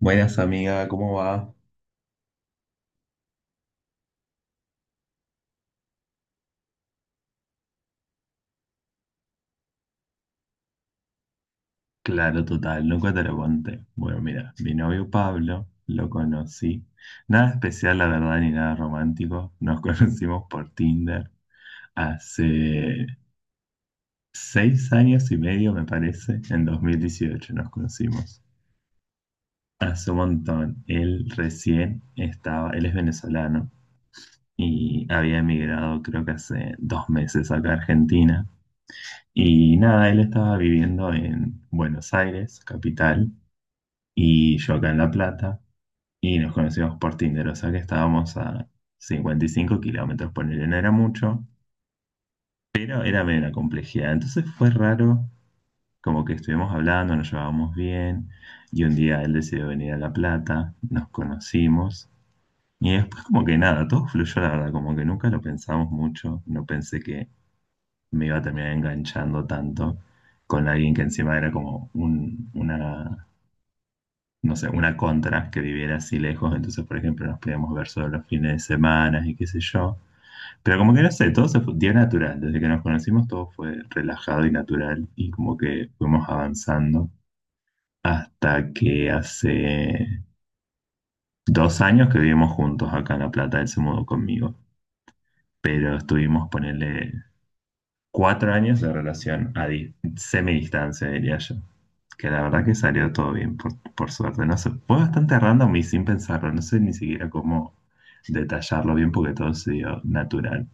Buenas amiga, ¿cómo va? Claro, total, nunca te lo conté. Bueno, mira, mi novio Pablo lo conocí. Nada especial, la verdad, ni nada romántico. Nos conocimos por Tinder hace 6 años y medio, me parece. En 2018 nos conocimos. Hace un montón. Él recién estaba, él es venezolano y había emigrado creo que hace 2 meses acá a Argentina. Y nada, él estaba viviendo en Buenos Aires, capital, y yo acá en La Plata, y nos conocimos por Tinder, o sea que estábamos a 55 kilómetros, ponerle, no era mucho, pero era medio la complejidad. Entonces fue raro, como que estuvimos hablando, nos llevábamos bien, y un día él decidió venir a La Plata, nos conocimos, y después como que nada, todo fluyó, la verdad, como que nunca lo pensamos mucho, no pensé que me iba a terminar enganchando tanto con alguien que encima era como una no sé, una contra que viviera así lejos, entonces, por ejemplo, nos podíamos ver solo los fines de semana y qué sé yo. Pero como que no sé, todo se fue, dio natural, desde que nos conocimos todo fue relajado y natural y como que fuimos avanzando hasta que hace 2 años que vivimos juntos acá en La Plata, él se mudó conmigo, pero estuvimos, ponerle, 4 años de relación a semidistancia, diría yo. Que la verdad que salió todo bien, por suerte. No sé, fue bastante random y sin pensarlo. No sé ni siquiera cómo detallarlo bien porque todo se dio natural.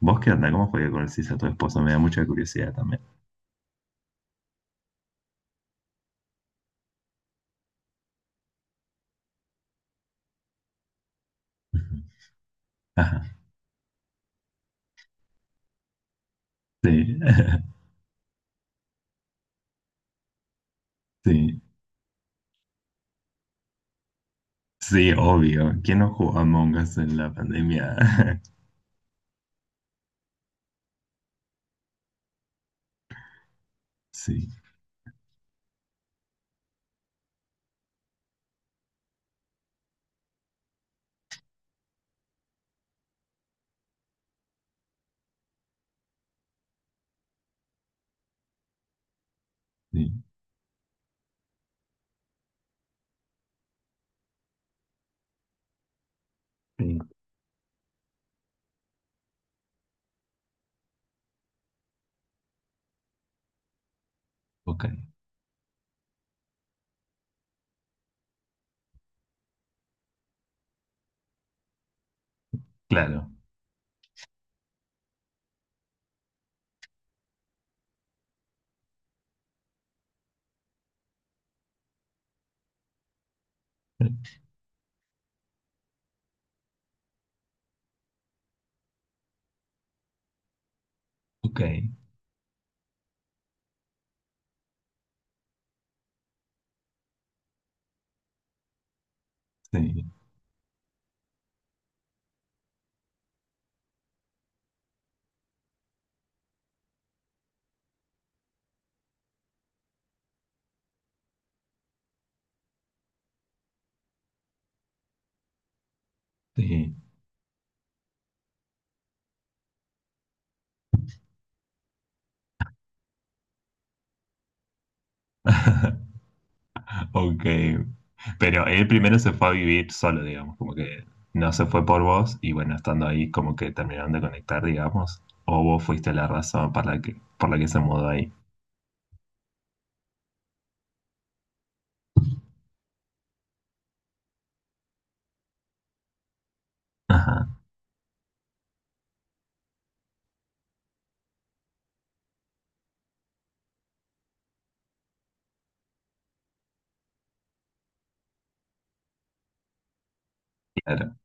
¿Vos qué onda? ¿Cómo fue que conociste a tu esposo? Me da mucha curiosidad también. Ajá. Sí, sí, sí, obvio. ¿Quién no jugó Among Us en la pandemia? Sí, sí, sí. Ok, claro. Ok, sí, sí. Ok, pero él primero se fue a vivir solo, digamos, como que no se fue por vos y bueno, estando ahí como que terminaron de conectar, digamos, o vos fuiste la razón para la que, por la que se mudó ahí. Ajá, claro,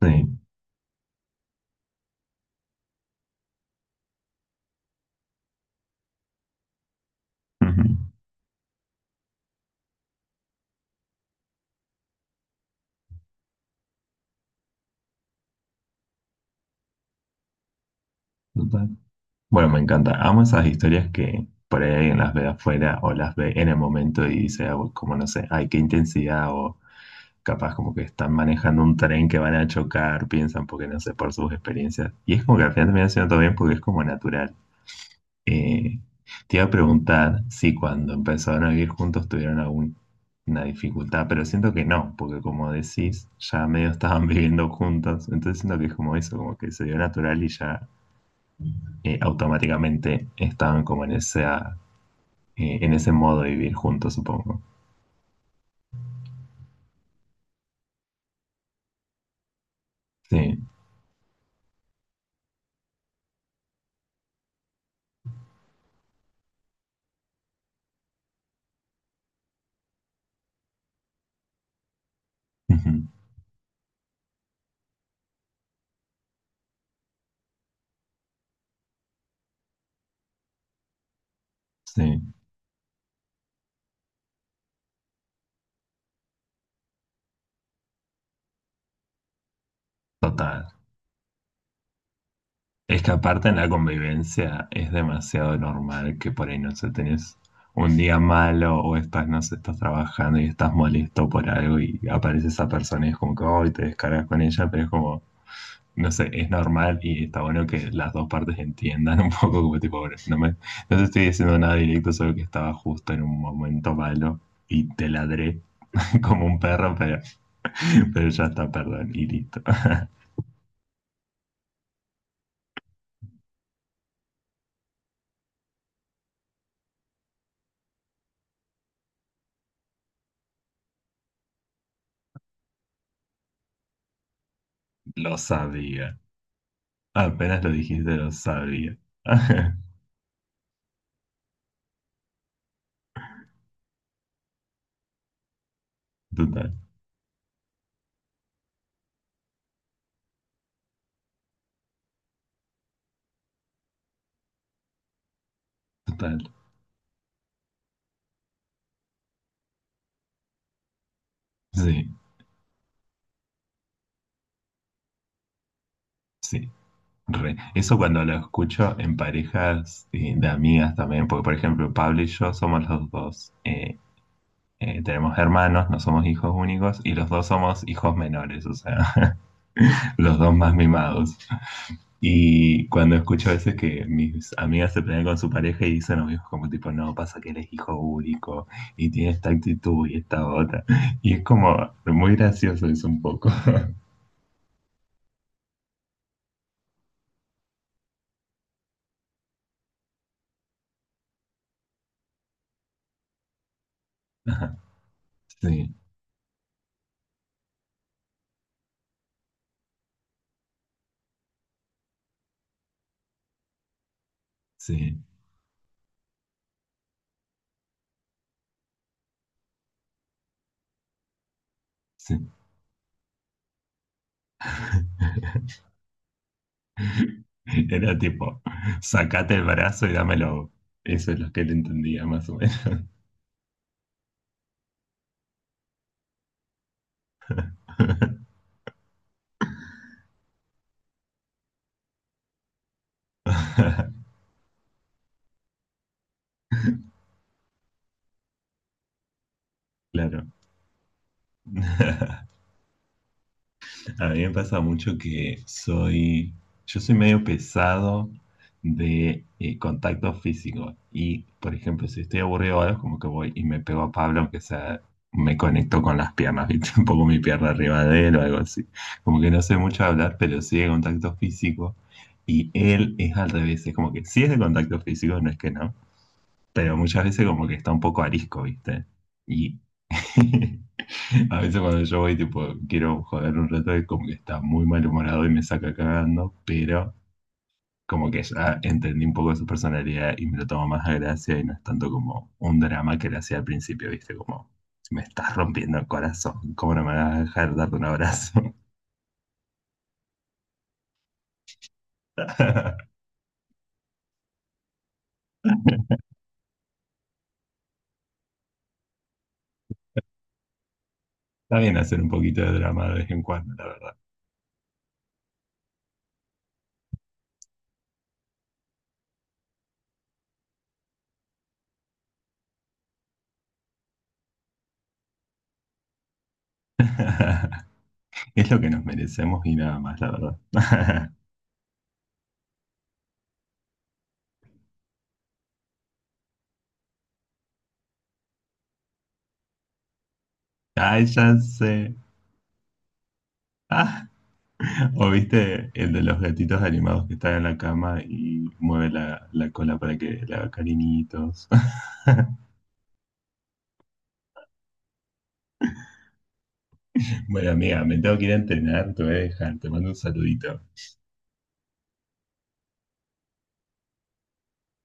sí. Ujú, total. Bueno, me encanta. Amo esas historias que por ahí alguien las ve afuera o las ve en el momento y dice, ah, como no sé, ay, qué intensidad o capaz como que están manejando un tren que van a chocar, piensan porque no sé, por sus experiencias. Y es como que al final termina siendo todo bien porque es como natural. Eh, te iba a preguntar si cuando empezaron a vivir juntos tuvieron alguna dificultad, pero siento que no, porque como decís, ya medio estaban viviendo juntos, entonces siento que es como eso, como que se dio natural y ya automáticamente estaban como en esa, en ese modo de vivir juntos, supongo. Sí, ujú, sí, total. Es que aparte en la convivencia es demasiado normal que por ahí, no sé, tenés un día malo o estás, no sé, estás trabajando y estás molesto por algo y aparece esa persona y es como que, hoy te descargas con ella, pero es como, no sé, es normal y está bueno que las dos partes entiendan un poco como tipo, "Bueno, no me, no te estoy diciendo nada directo, solo que estaba justo en un momento malo y te ladré como un perro, pero ya está, perdón, y listo. Lo sabía. Apenas lo dijiste, lo sabía. Total, total. Sí, sí. Re. Eso cuando lo escucho en parejas, de amigas también, porque por ejemplo Pablo y yo somos los dos, tenemos hermanos, no somos hijos únicos y los dos somos hijos menores, o sea, los dos más mimados. Y cuando escucho a veces que mis amigas se pelean con su pareja y dicen amigos como tipo, no, pasa que él es hijo único y tiene esta actitud y esta otra. Y es como muy gracioso eso un poco. Sí, sí, sí. Era tipo, sacate el brazo y dámelo. Eso es lo que él entendía más o menos. Claro. A mí me pasa mucho que yo soy medio pesado de contacto físico y, por ejemplo, si estoy aburrido o algo, como que voy y me pego a Pablo, aunque sea, me conecto con las piernas, ¿viste? Un poco mi pierna arriba de él o algo así. Como que no sé mucho hablar, pero sí de contacto físico y él es al revés, es como que sí es de contacto físico, no es que no, pero muchas veces como que está un poco arisco, ¿viste? Y a veces cuando yo voy, tipo, quiero joder un rato, es como que está muy malhumorado y me saca cagando, pero como que ya entendí un poco su personalidad y me lo tomo más a gracia y no es tanto como un drama que le hacía al principio, ¿viste? Como, me estás rompiendo el corazón, ¿cómo no me vas a dejar darte un abrazo? Está bien hacer un poquito de drama de vez en cuando, la verdad. Es lo que nos merecemos y nada más, la verdad. Ay, ya sé. ¿O viste el de los gatitos animados que están en la cama y mueve la cola para que le haga cariñitos? Bueno, amiga, me tengo que ir a entrenar, te voy a dejar, te mando un saludito.